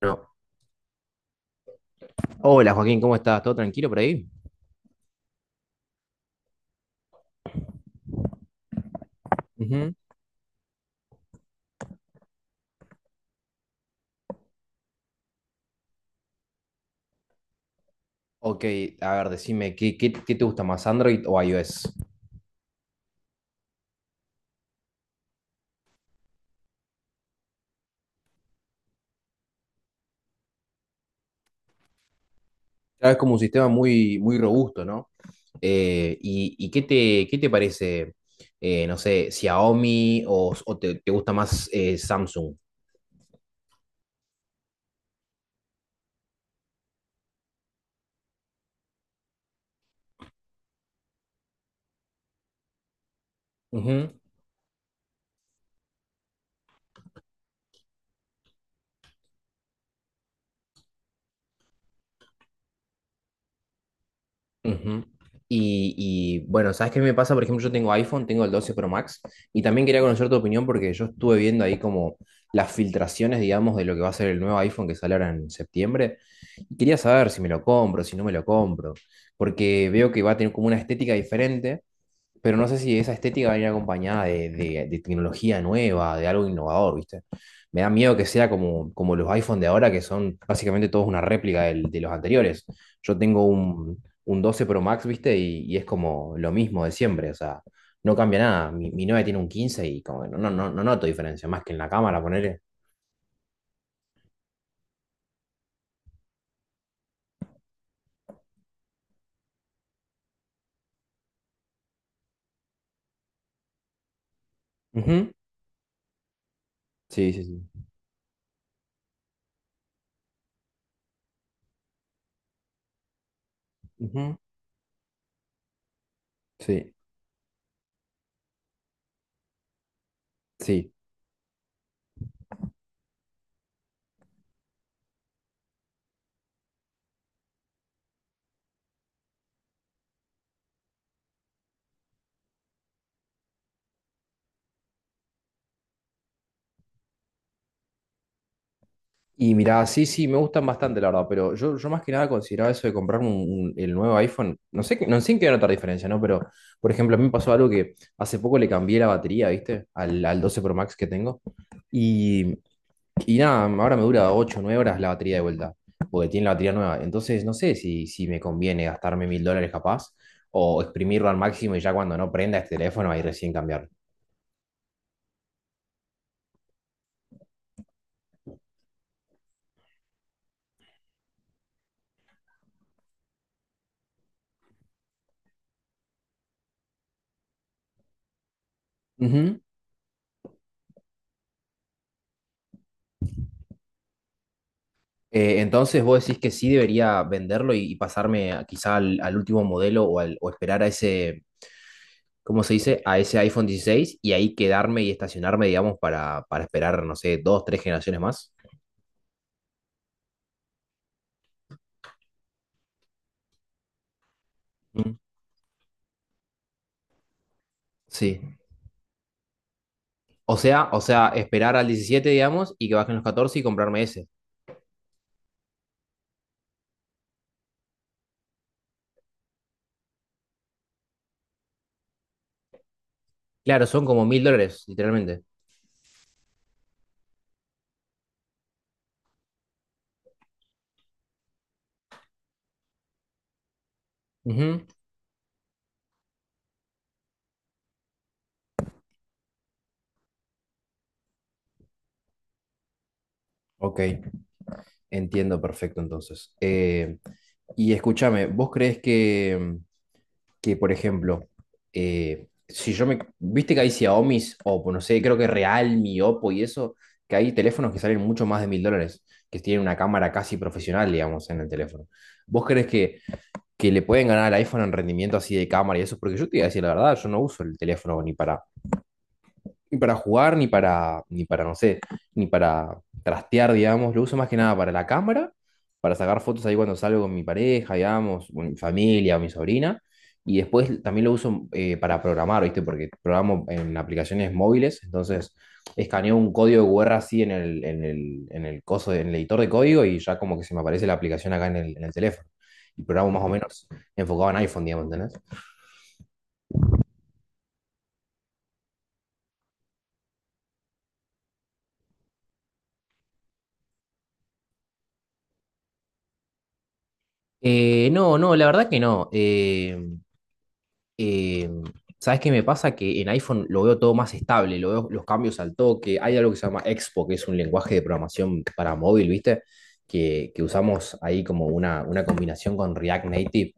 Bueno, hola Joaquín, ¿cómo estás? ¿Todo tranquilo por ahí? Ujú. Ok, a ver, decime, ¿qué te gusta más, Android o iOS? Claro, es como un sistema muy, muy robusto, ¿no? Y, ¿qué te parece, no sé, Xiaomi o te gusta más Samsung? Ujú. Ujú. Y, bueno, ¿sabes qué me pasa? Por ejemplo, yo tengo iPhone, tengo el 12 Pro Max, y también quería conocer tu opinión, porque yo estuve viendo ahí como las filtraciones, digamos, de lo que va a ser el nuevo iPhone que sale ahora en septiembre. Y quería saber si me lo compro, si no me lo compro, porque veo que va a tener como una estética diferente, pero no sé si esa estética va a ir acompañada de tecnología nueva, de algo innovador, ¿viste? Me da miedo que sea como, como los iPhone de ahora, que son básicamente todos una réplica de los anteriores. Yo tengo un 12 Pro Max, ¿viste? Y es como lo mismo de siempre, o sea, no cambia nada. Mi novia tiene un 15 y como que no noto diferencia, más que en la cámara, ponerle. Sí, sí, sí. Ujú. Sí, sí. Y mirá, sí, sí, me gustan bastante, la verdad, pero yo más que nada consideraba eso de comprarme el nuevo iPhone. No sé en qué notar diferencia, ¿no? Pero, por ejemplo, a mí me pasó algo que hace poco le cambié la batería, ¿viste? Al 12 Pro Max que tengo. Y, y nada, ahora me dura 8 o 9 horas la batería de vuelta, porque tiene la batería nueva. Entonces, no sé si me conviene gastarme $1,000 capaz, o exprimirlo al máximo y ya, cuando no prenda este teléfono, ahí recién cambiarlo. Entonces, ¿vos decís que sí debería venderlo y pasarme quizá al último modelo, o esperar a ese, ¿cómo se dice? A ese iPhone 16, y ahí quedarme y estacionarme, digamos, para esperar, no sé, dos, tres generaciones más? Mm. Sí. Esperar al 17, digamos, y que bajen los 14 y comprarme ese. Claro, son como $1,000, literalmente. Ujú. Ok, entiendo perfecto entonces. Y escúchame, ¿vos crees que, por ejemplo, si yo me... Viste que hay Xiaomi, Oppo, no sé, creo que Realme, Oppo y eso, que hay teléfonos que salen mucho más de $1,000, que tienen una cámara casi profesional, digamos, en el teléfono? ¿Vos crees que, le pueden ganar al iPhone en rendimiento así de cámara y eso? Porque yo te iba a decir la verdad, yo no uso el teléfono ni para jugar, ni para, ni para, no sé, ni para trastear, digamos. Lo uso más que nada para la cámara, para sacar fotos ahí cuando salgo con mi pareja, digamos, o mi familia o mi sobrina. Y después también lo uso para programar, ¿viste? Porque programo en aplicaciones móviles, entonces escaneo un código de QR así en el coso, en el editor de código, y ya como que se me aparece la aplicación acá en el teléfono. Y programo más o menos enfocado en iPhone, digamos, ¿entendés? No, no, la verdad que no. Eh, ¿Sabes qué me pasa? Que en iPhone lo veo todo más estable, lo veo los cambios al toque. Hay algo que se llama Expo, que es un lenguaje de programación para móvil, ¿viste? Que usamos ahí como una combinación con React Native.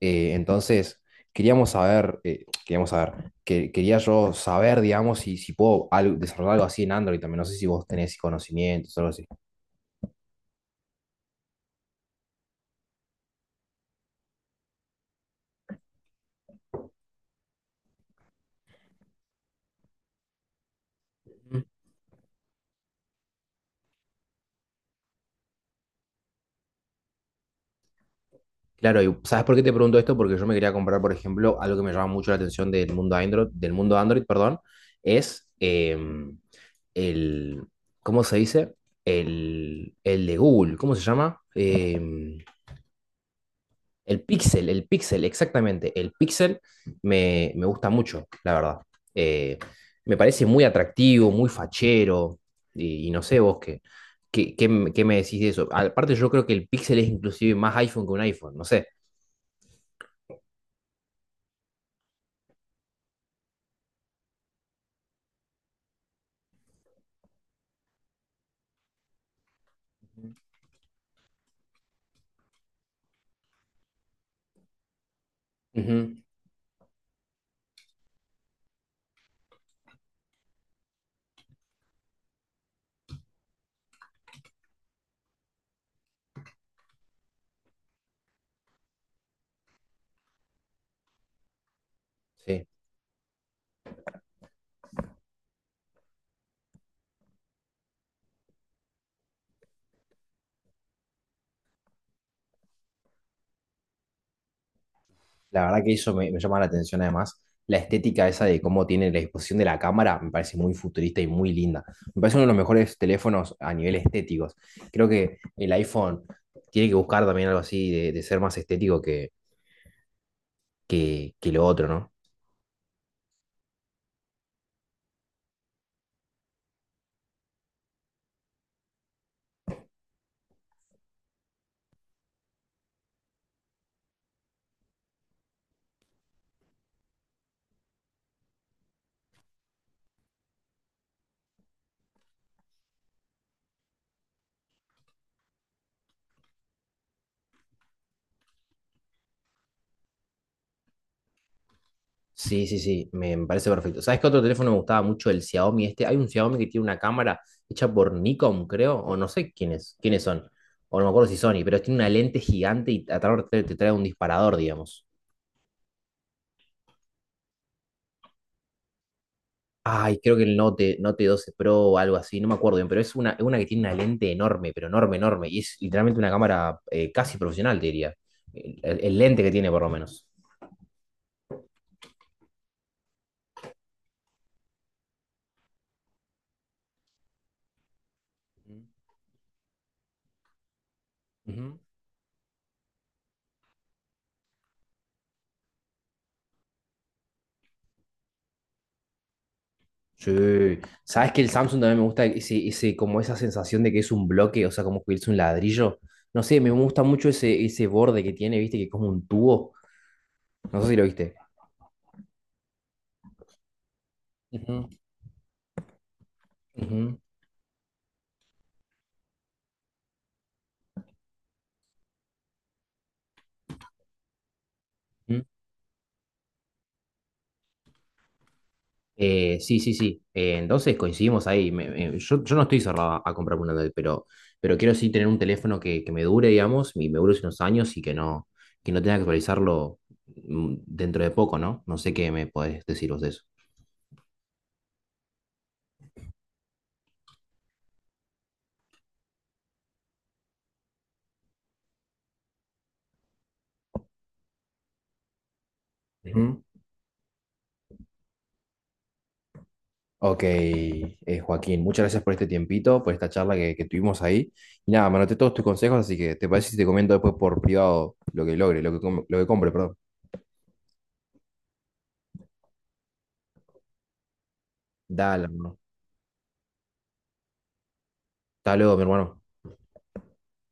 Entonces, quería yo saber, digamos, si puedo desarrollar algo así en Android también. No sé si vos tenés conocimientos o algo así. Claro, ¿y sabes por qué te pregunto esto? Porque yo me quería comprar, por ejemplo, algo que me llama mucho la atención del mundo Android, perdón, es el, ¿cómo se dice? El de Google, ¿cómo se llama? El Pixel, exactamente. El Pixel me gusta mucho, la verdad. Eh, Me parece muy atractivo, muy fachero, y no sé vos qué, qué me decís de eso. Aparte, yo creo que el Pixel es inclusive más iPhone que un iPhone, no sé. Ujú. Sí, la verdad que eso me llama la atención, además. La estética esa de cómo tiene la disposición de la cámara me parece muy futurista y muy linda. Me parece uno de los mejores teléfonos a nivel estéticos. Creo que el iPhone tiene que buscar también algo así de, ser más estético que lo otro, ¿no? Sí, sí, sí, me parece perfecto. ¿Sabes qué otro teléfono me gustaba mucho? El Xiaomi este. Hay un Xiaomi que tiene una cámara hecha por Nikon, creo, o no sé quiénes, son, o no me acuerdo si Sony, pero tiene una lente gigante y atrás te trae un disparador, digamos. Ay, creo que el Note 12 Pro o algo así, no me acuerdo bien, pero es una que tiene una lente enorme, pero enorme, enorme. Y es literalmente una cámara casi profesional, te diría. El lente que tiene, por lo menos. Ujú. Ujú. Sí. ¿Sabes que el Samsung también me gusta ese, como esa sensación de que es un bloque, o sea, como que es un ladrillo? No sé, me gusta mucho ese borde que tiene, viste, que es como un tubo. No sé si lo viste. Ujú. Ujú. Ujú. Sí, sí, sí. Entonces coincidimos ahí. Yo no estoy cerrado a comprar un Android, pero quiero sí tener un teléfono que, me dure, digamos, y me dure unos años, y que no, tenga que actualizarlo dentro de poco, ¿no? No sé qué me podés decir vos de eso. Ujú. Ok, Joaquín, muchas gracias por este tiempito, por esta charla que, tuvimos ahí. Y nada, me anoté todos tus consejos, así que te parece si te comento después por privado lo que logre, lo que compre, perdón. Dale, hermano. Hasta luego, mi hermano.